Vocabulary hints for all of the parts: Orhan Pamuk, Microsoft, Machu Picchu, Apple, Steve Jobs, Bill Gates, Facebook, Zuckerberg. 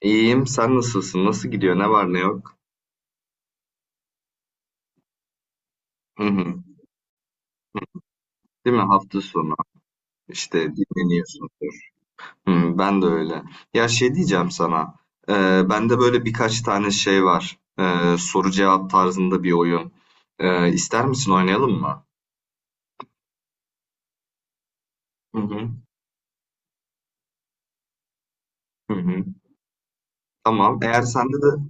İyiyim. Sen nasılsın? Nasıl gidiyor? Ne var ne yok? Hı hı. Değil mi? Hafta sonu işte dinleniyorsundur. Hı, ben de öyle. Ya şey diyeceğim sana. E, Bende böyle birkaç tane şey var. Soru cevap tarzında bir oyun. İster misin oynayalım mı? Hı hı. Hı hı. Tamam. Eğer sende de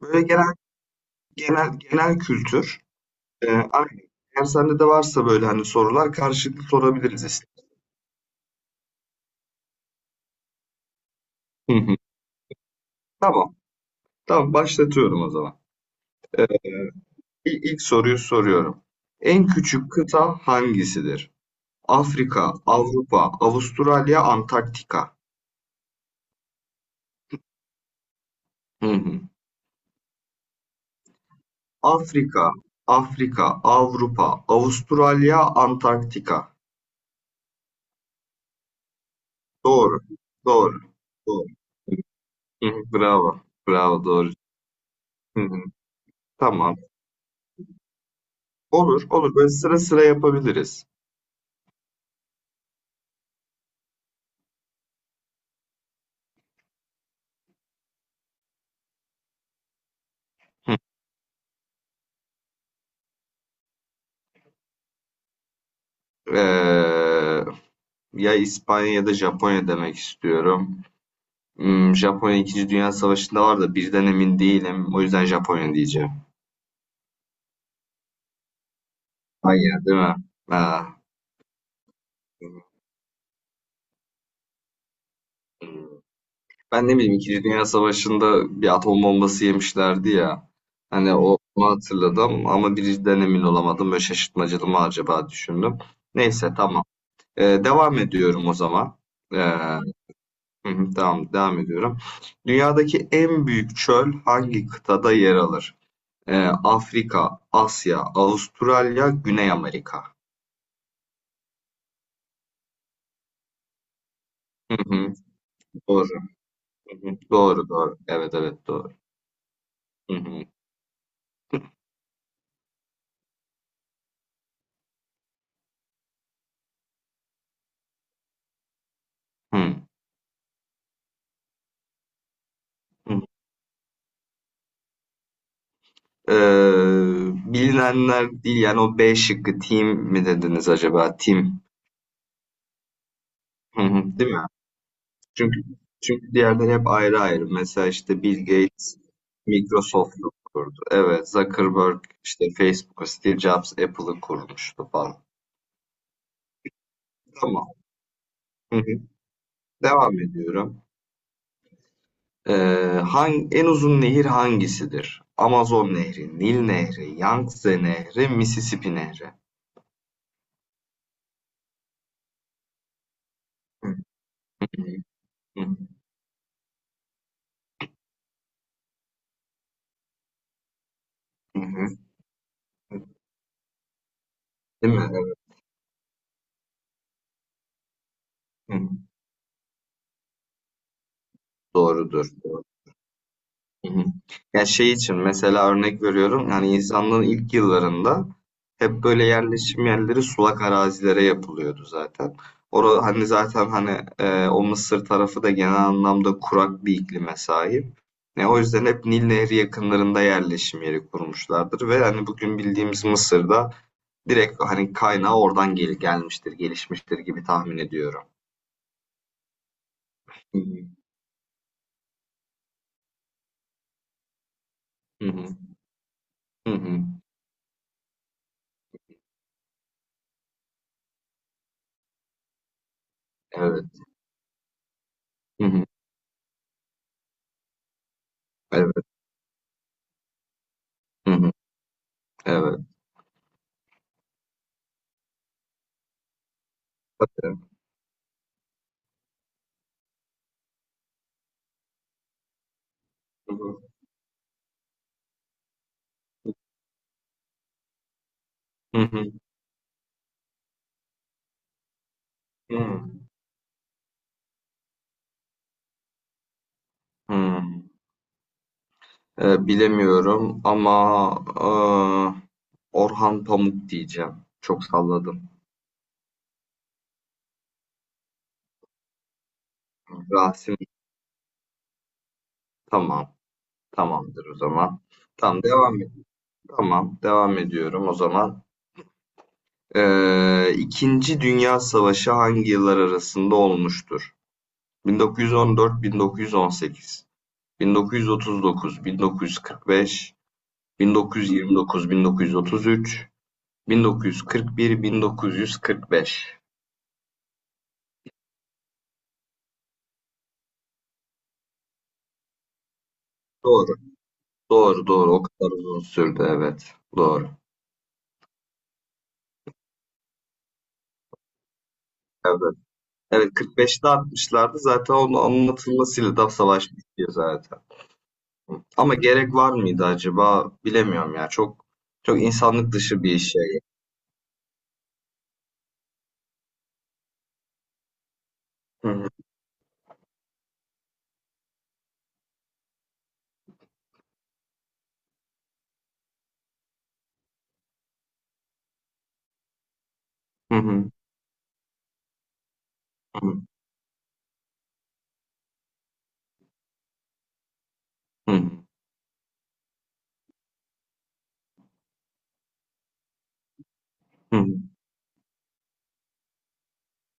böyle genel genel kültür. Aynen. Eğer sende de varsa böyle hani sorular karşılıklı sorabiliriz. Hı hı. Tamam. Tamam başlatıyorum o zaman. İlk, soruyu soruyorum. En küçük kıta hangisidir? Afrika, Avrupa, Avustralya, Antarktika. Hı hı. Afrika, Afrika, Avrupa, Avustralya, Antarktika. Doğru, doğru, doğru. Hı hı, Bravo, doğru. Hı hı. Tamam. Olur. Böyle sıra sıra yapabiliriz. Hı. Ee, Ya İspanya ya da Japonya demek istiyorum. Hmm, Japonya İkinci Dünya Savaşı'nda var da birden emin değilim. O yüzden Japonya diyeceğim. Hayır değil mi? Ha. Ben ne bileyim İkinci Dünya Savaşı'nda bir atom bombası yemişlerdi ya. Hani o, onu hatırladım ama birinciden emin olamadım. Böyle şaşırtmacalı mı acaba düşündüm. Neyse tamam. Devam ediyorum o zaman. Ee, hı hı, tamam devam ediyorum. Dünyadaki en büyük çöl hangi kıtada yer alır? Ee, Afrika, Asya, Avustralya, Güney Amerika. Hı hı, doğru. Hı hı, doğru. Evet doğru. Hı hı. hı. Bilinenler değil yani o B şıkkı team mi dediniz acaba? Team. Hı hı, değil mi? Çünkü çünkü diğerleri hep ayrı ayrı. Mesela işte Bill Gates Microsoft'u kurdu. Evet, Zuckerberg işte Facebook'u, Steve Jobs Apple'ı kurmuştu falan. Tamam. Hı hı. Devam ediyorum. Eee En uzun nehir hangisidir? Amazon Nehri, Nil Nehri, Yangtze Nehri, Mississippi Nehri. Hı hı, hı hı. Değil mi? Evet. Hı hı. Doğrudur. Doğru. Hı hı. Ya şey için mesela örnek veriyorum yani insanlığın ilk yıllarında hep böyle yerleşim yerleri sulak arazilere yapılıyordu zaten. Orada hani zaten hani o Mısır tarafı da genel anlamda kurak bir iklime sahip. Ne o yüzden hep Nil Nehri yakınlarında yerleşim yeri kurmuşlardır ve hani bugün bildiğimiz Mısır'da direkt hani kaynağı oradan gelmiştir, gelişmiştir gibi tahmin ediyorum. Hı hı. Hı hı. Hı hı. Evet. Hı hı. Evet. Hı hı. Evet. Bakın. Hı hı. Hı hı. Hı. Bilemiyorum ama eee, Orhan Pamuk diyeceğim. Çok salladım. Rasim tamam. Tamamdır o zaman. Tamam devam et. Tamam devam ediyorum o zaman. İkinci Dünya Savaşı hangi yıllar arasında olmuştur? 1914-1918, 1939-1945, 1929-1933, 1941-1945. Doğru. Doğru. O kadar uzun sürdü evet. Doğru. Evet. Evet 45'te atmışlardı. Zaten onun anlatılmasıyla da savaş bitiyor zaten. Hı. Ama gerek var mıydı acaba? Bilemiyorum ya. Çok insanlık dışı bir şey. Hı. Hı hı. Hı hı. Hı hı.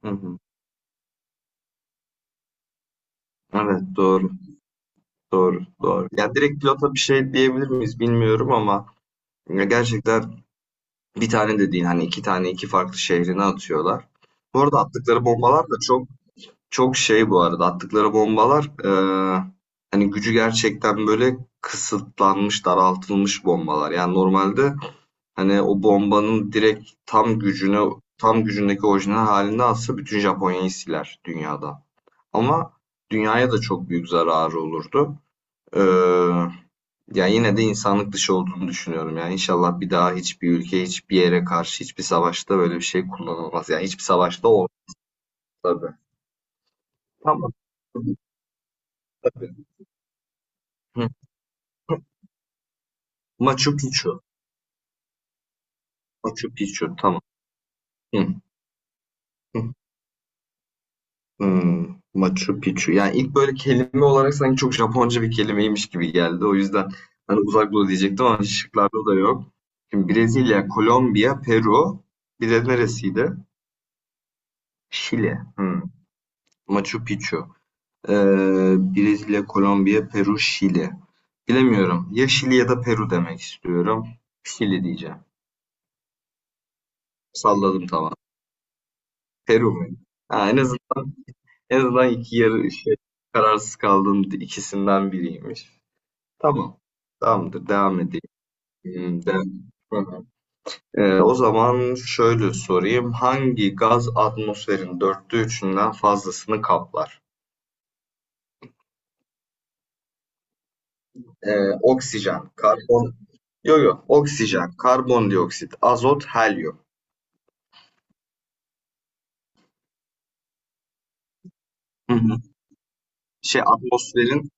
Hı hı. Evet doğru. Doğru. Doğru. Ya direkt pilota bir şey diyebilir miyiz bilmiyorum ama ya gerçekten bir tane de değil hani iki tane iki farklı şehrine atıyorlar. Bu arada attıkları bombalar da çok bu arada attıkları bombalar hani gücü gerçekten böyle kısıtlanmış daraltılmış bombalar. Yani normalde hani o bombanın direkt tam gücündeki orijinal halinde atsa bütün Japonya'yı siler dünyada. Ama dünyaya da çok büyük zararı olurdu. Eee ya yine de insanlık dışı olduğunu düşünüyorum. Yani inşallah bir daha hiçbir ülke, hiçbir yere karşı, hiçbir savaşta böyle bir şey kullanılmaz. Yani hiçbir savaşta olmaz tabii. Tamam. Tabii. Hı. Machu Picchu. Machu Picchu. Tamam. Hı. Hı. Hmm. Machu Picchu. Yani ilk böyle kelime olarak sanki çok Japonca bir kelimeymiş gibi geldi. O yüzden hani uzak doğu diyecektim ama şıklarda da yok. Şimdi Brezilya, Kolombiya, Peru. Bir de neresiydi? Şili. Hmm. Machu Picchu. Brezilya, Kolombiya, Peru, Şili. Bilemiyorum. Ya Şili ya da Peru demek istiyorum. Şili diyeceğim. Salladım tamam. Peru mu? Ha, en azından kararsız kaldığım ikisinden biriymiş. Tamam. Tamamdır. Devam edeyim. Hmm, devam. Hı hı. O zaman şöyle sorayım. Hangi gaz atmosferin dörtte üçünden fazlasını kaplar? Ee, oksijen, karbon, yok yok, oksijen, karbondioksit, azot, helyum. Hı hı. Atmosferin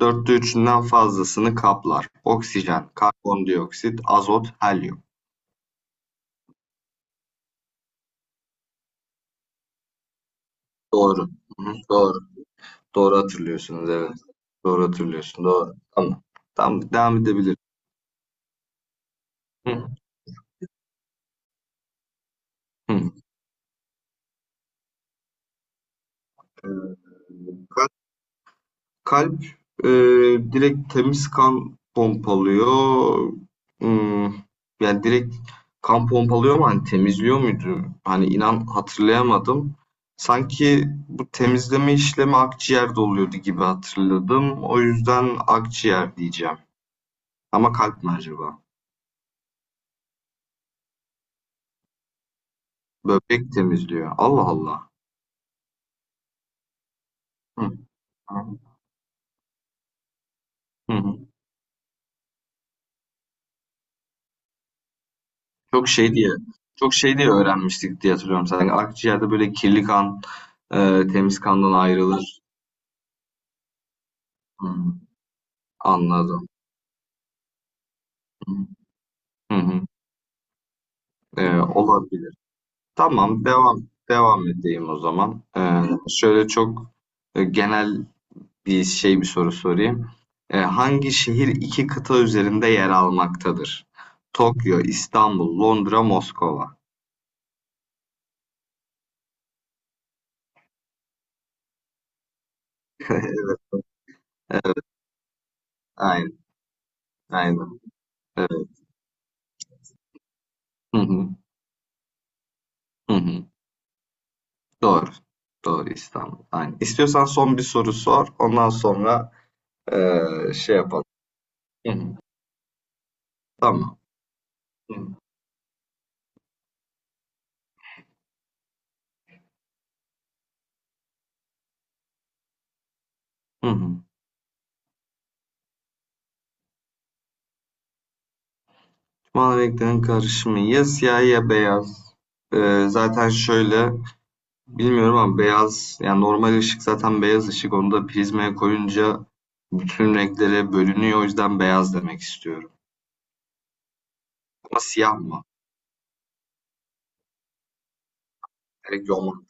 dörtte üçünden fazlasını kaplar. Oksijen, karbondioksit, azot, helyum. Doğru. Hı hı, doğru. Doğru hatırlıyorsunuz. Evet. Doğru hatırlıyorsun. Doğru. Tamam. Tamam. Devam edebilir. Hı hı. Ee, Kalp e, direkt temiz kan pompalıyor. Hmm, yani direkt kan pompalıyor mu? Hani temizliyor muydu? Hani inan hatırlayamadım. Sanki bu temizleme işlemi akciğerde oluyordu gibi hatırladım. O yüzden akciğer diyeceğim. Ama kalp mi acaba? Böbrek temizliyor. Allah Allah. Hı, hı. Çok şey diye, çok şey diye öğrenmiştik diye hatırlıyorum. Sanki akciğerde böyle kirli kan, e, temiz kandan ayrılır. Hı. Anladım. Hı hı. Olabilir. Tamam, devam edeyim o zaman. Şöyle çok genel bir soru sorayım. Hangi şehir iki kıta üzerinde yer almaktadır? Tokyo, İstanbul, Londra, Moskova. Aynen, aynen. Evet. Hı hı, hı hı. Doğru. Doğru İstanbul. Aynen. İstiyorsan son bir soru sor. Ondan sonra şey yapalım. Hı hı. Tamam. Hı hı. Hı hı. Mavi renklerin karışımı ya siyah ya beyaz. Zaten şöyle bilmiyorum ama beyaz yani normal ışık zaten beyaz ışık onu da prizmaya koyunca bütün renklere bölünüyor o yüzden beyaz demek istiyorum. Ama siyah mı? Direkt yolma.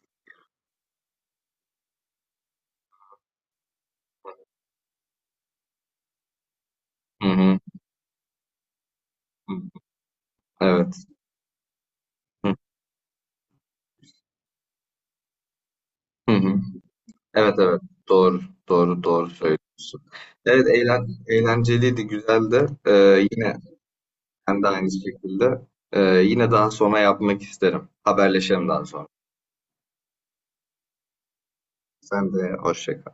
Hı hı. Hı. Evet. Hı hı. Hı. Evet doğru doğru söylüyorsun. Evet eğlenceliydi güzeldi. Yine ben de aynı şekilde. Yine daha sonra yapmak isterim. Haberleşelim daha sonra. Sen de hoşça kal.